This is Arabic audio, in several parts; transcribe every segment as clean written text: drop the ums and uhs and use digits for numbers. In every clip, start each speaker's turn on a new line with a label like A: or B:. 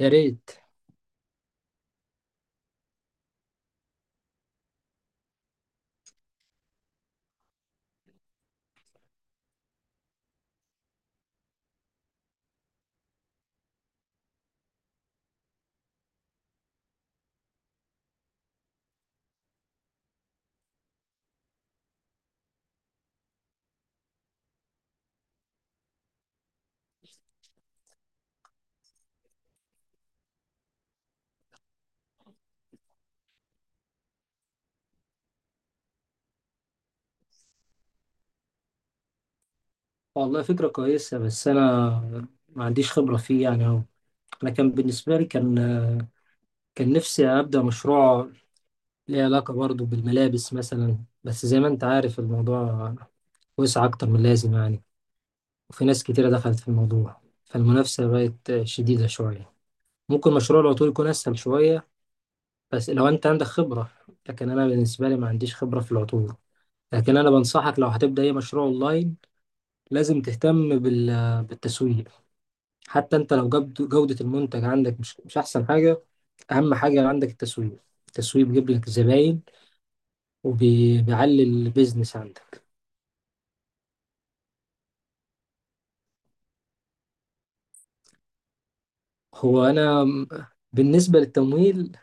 A: يا ريت. والله فكرة كويسة، بس أنا ما عنديش خبرة فيه يعني أهو. أنا كان بالنسبة لي كان نفسي أبدأ مشروع ليه علاقة برضه بالملابس مثلا. بس زي ما أنت عارف الموضوع وسع أكتر من اللازم يعني، وفي ناس كتيرة دخلت في الموضوع فالمنافسة بقت شديدة شوية. ممكن مشروع العطور يكون أسهل شوية، بس لو أنت عندك خبرة. لكن أنا بالنسبة لي ما عنديش خبرة في العطور. لكن أنا بنصحك لو هتبدأ أي مشروع أونلاين لازم تهتم بالتسويق. حتى انت لو جودة المنتج عندك مش احسن حاجة. اهم حاجة عندك التسويق. التسويق بيجيب لك زباين وبيعلي البيزنس عندك. هو انا م- بالنسبة للتمويل،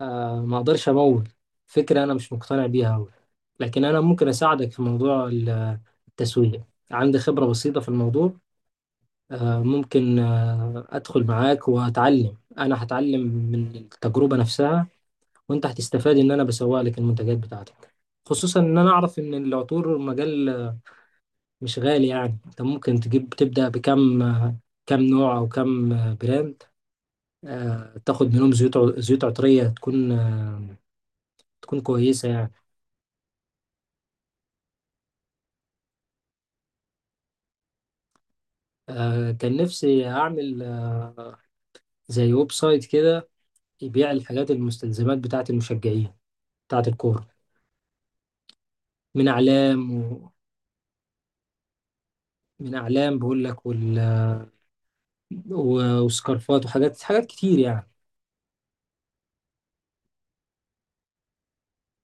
A: ما اقدرش امول. فكرة انا مش مقتنع بيها أوي. لكن انا ممكن اساعدك في موضوع التسويق. عندي خبرة بسيطة في الموضوع. ممكن ادخل معاك واتعلم. انا هتعلم من التجربة نفسها، وانت هتستفاد ان انا بسوق لك المنتجات بتاعتك. خصوصا ان انا اعرف ان العطور مجال مش غالي يعني. انت ممكن تجيب تبدا كم نوع او كم براند. تاخد منهم زيوت عطريه تكون كويسه يعني. كان نفسي اعمل، زي ويب سايت كده يبيع الحاجات المستلزمات بتاعه المشجعين بتاعه الكوره. من اعلام و... من اعلام بقول لك وسكارفات وحاجات كتير يعني.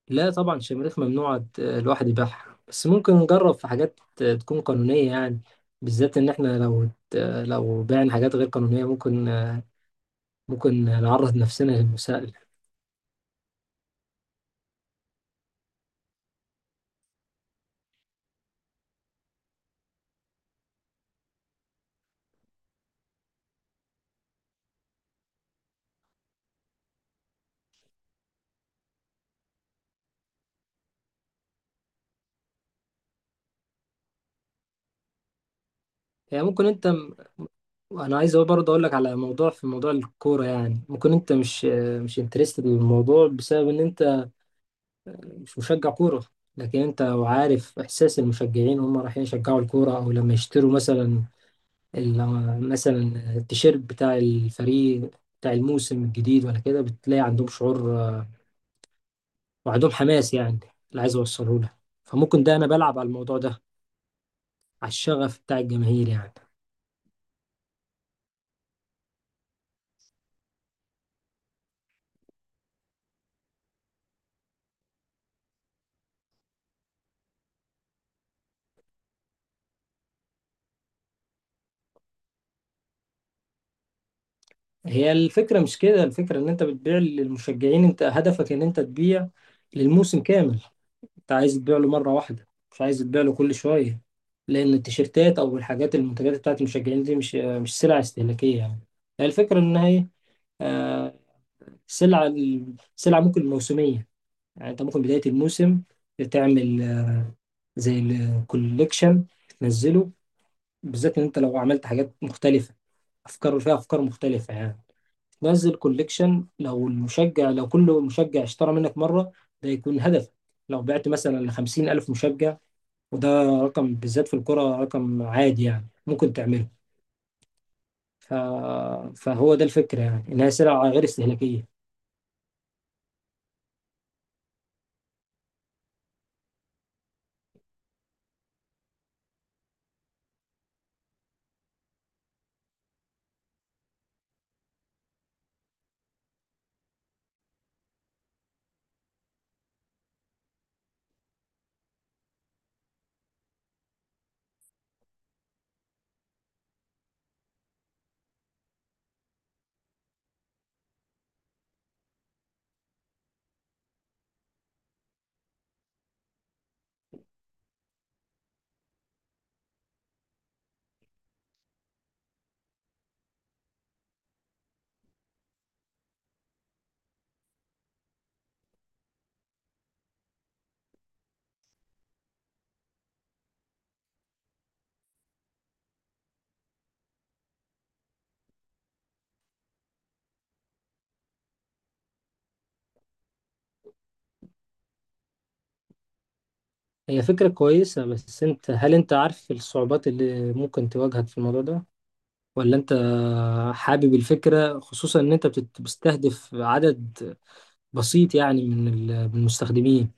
A: لا طبعا الشماريخ ممنوع الواحد يبيعها، بس ممكن نجرب في حاجات تكون قانونية يعني. بالذات إن إحنا لو بعنا حاجات غير قانونية ممكن نعرض نفسنا للمساءلة. يعني ممكن أنا عايز برضه أقول لك على موضوع الكورة يعني، ممكن أنت مش انترستد بالموضوع بسبب إن أنت مش مشجع كورة. لكن أنت لو عارف إحساس المشجعين وهم رايحين يشجعوا الكورة أو لما يشتروا مثلا التيشيرت بتاع الفريق بتاع الموسم الجديد. ولا كده بتلاقي عندهم شعور، وعندهم حماس يعني، اللي عايز اوصله لها. فممكن ده انا بلعب على الموضوع ده، على الشغف بتاع الجماهير يعني. هي الفكرة مش كده. الفكرة ان انت بتبيع للمشجعين، انت هدفك ان انت تبيع للموسم كامل. انت عايز تبيع له مرة واحدة، مش عايز تبيع له كل شوية. لان التيشيرتات او الحاجات المنتجات بتاعت المشجعين دي مش سلع استهلاكية يعني. هي الفكرة ان هي، آه، سلعة ممكن موسمية. يعني انت ممكن بداية الموسم تعمل، زي الكوليكشن تنزله. بالذات ان انت لو عملت حاجات مختلفة، افكار فيها افكار مختلفة يعني. تنزل كوليكشن، لو كل مشجع اشترى منك مرة ده يكون هدف. لو بعت مثلا لـ50,000 مشجع، وده رقم بالذات في الكرة رقم عادي يعني ممكن تعمله. ف... فهو ده الفكرة يعني إنها سلعة غير استهلاكية. هي فكرة كويسة، بس انت عارف الصعوبات اللي ممكن تواجهك في الموضوع ده، ولا انت حابب الفكرة؟ خصوصا ان انت بتستهدف عدد بسيط يعني، من المستخدمين.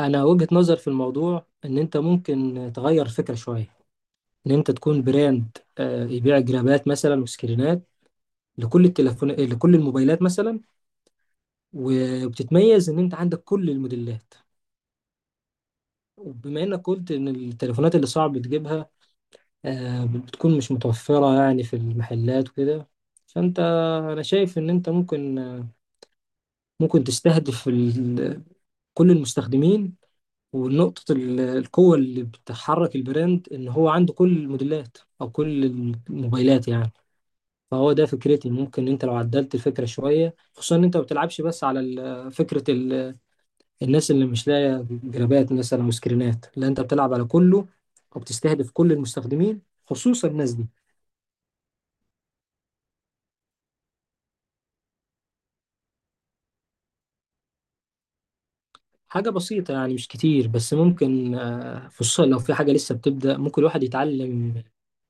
A: انا وجهة نظر في الموضوع ان انت ممكن تغير الفكرة شوية. ان انت تكون براند يبيع جرابات مثلا وسكرينات، لكل الموبايلات مثلا. وبتتميز ان انت عندك كل الموديلات. وبما انك قلت ان التليفونات اللي صعب تجيبها بتكون مش متوفرة يعني في المحلات وكده. فأنت أنا شايف إن أنت ممكن تستهدف كل المستخدمين. ونقطة القوة اللي بتحرك البراند إن هو عنده كل الموديلات أو كل الموبايلات يعني. فهو ده فكرتي. ممكن أنت لو عدلت الفكرة شوية، خصوصا إن أنت ما بتلعبش بس على فكرة الناس اللي مش لاقية جرابات مثلا وسكرينات. لا أنت بتلعب على كله، وبتستهدف كل المستخدمين خصوصا الناس دي. حاجة بسيطة يعني مش كتير، بس ممكن، خصوصا لو في حاجة لسه بتبدأ ممكن الواحد يتعلم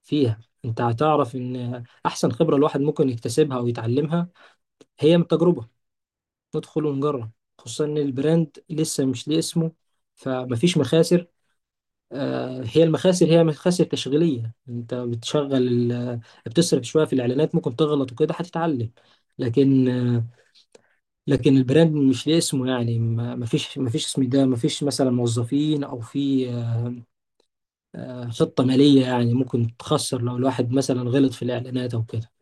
A: فيها. انت هتعرف ان احسن خبرة الواحد ممكن يكتسبها او يتعلمها هي من التجربة. ندخل ونجرب. خصوصا ان البراند لسه مش ليه اسمه، فمفيش مخاسر. هي المخاسر هي مخاسر تشغيلية. انت بتشغل ال- بتصرف شوية في الاعلانات ممكن تغلط وكده هتتعلم. لكن آه، لكن البراند مش ليه اسمه يعني، ما فيش اسم ده، ما فيش مثلا موظفين، او في، خطة مالية يعني ممكن تخسر لو الواحد مثلا غلط في الاعلانات او كده.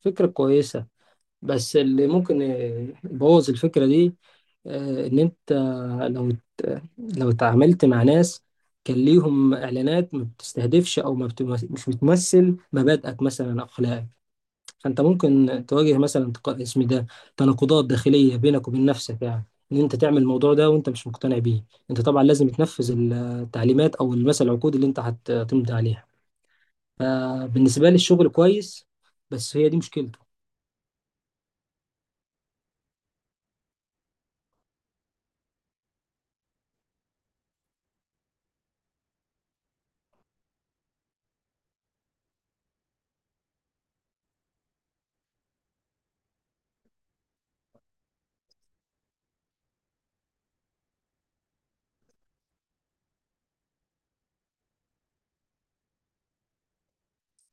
A: فكرة كويسة، بس اللي ممكن يبوظ الفكرة دي، ان انت لو لو اتعاملت مع ناس كان ليهم اعلانات ما بتستهدفش او ما بت- مش بتمثل مبادئك مثلا اخلاقك. فانت ممكن تواجه مثلا، اسم ده، تناقضات داخليه بينك وبين نفسك يعني. ان انت تعمل الموضوع ده وانت مش مقتنع بيه، انت طبعا لازم تنفذ التعليمات او مثلا العقود اللي انت هتمضي عليها. فبالنسبه لي الشغل كويس. بس هي دي مشكلته.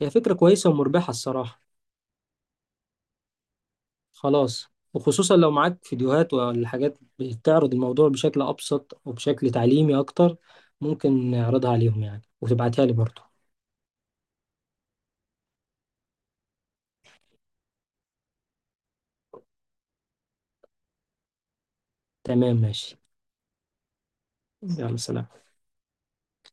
A: هي فكره كويسه ومربحه الصراحه. خلاص. وخصوصا لو معاك فيديوهات ولا حاجات بتعرض الموضوع بشكل ابسط وبشكل تعليمي اكتر، ممكن نعرضها عليهم يعني، وتبعتها لي برضه. تمام ماشي. يلا سلام.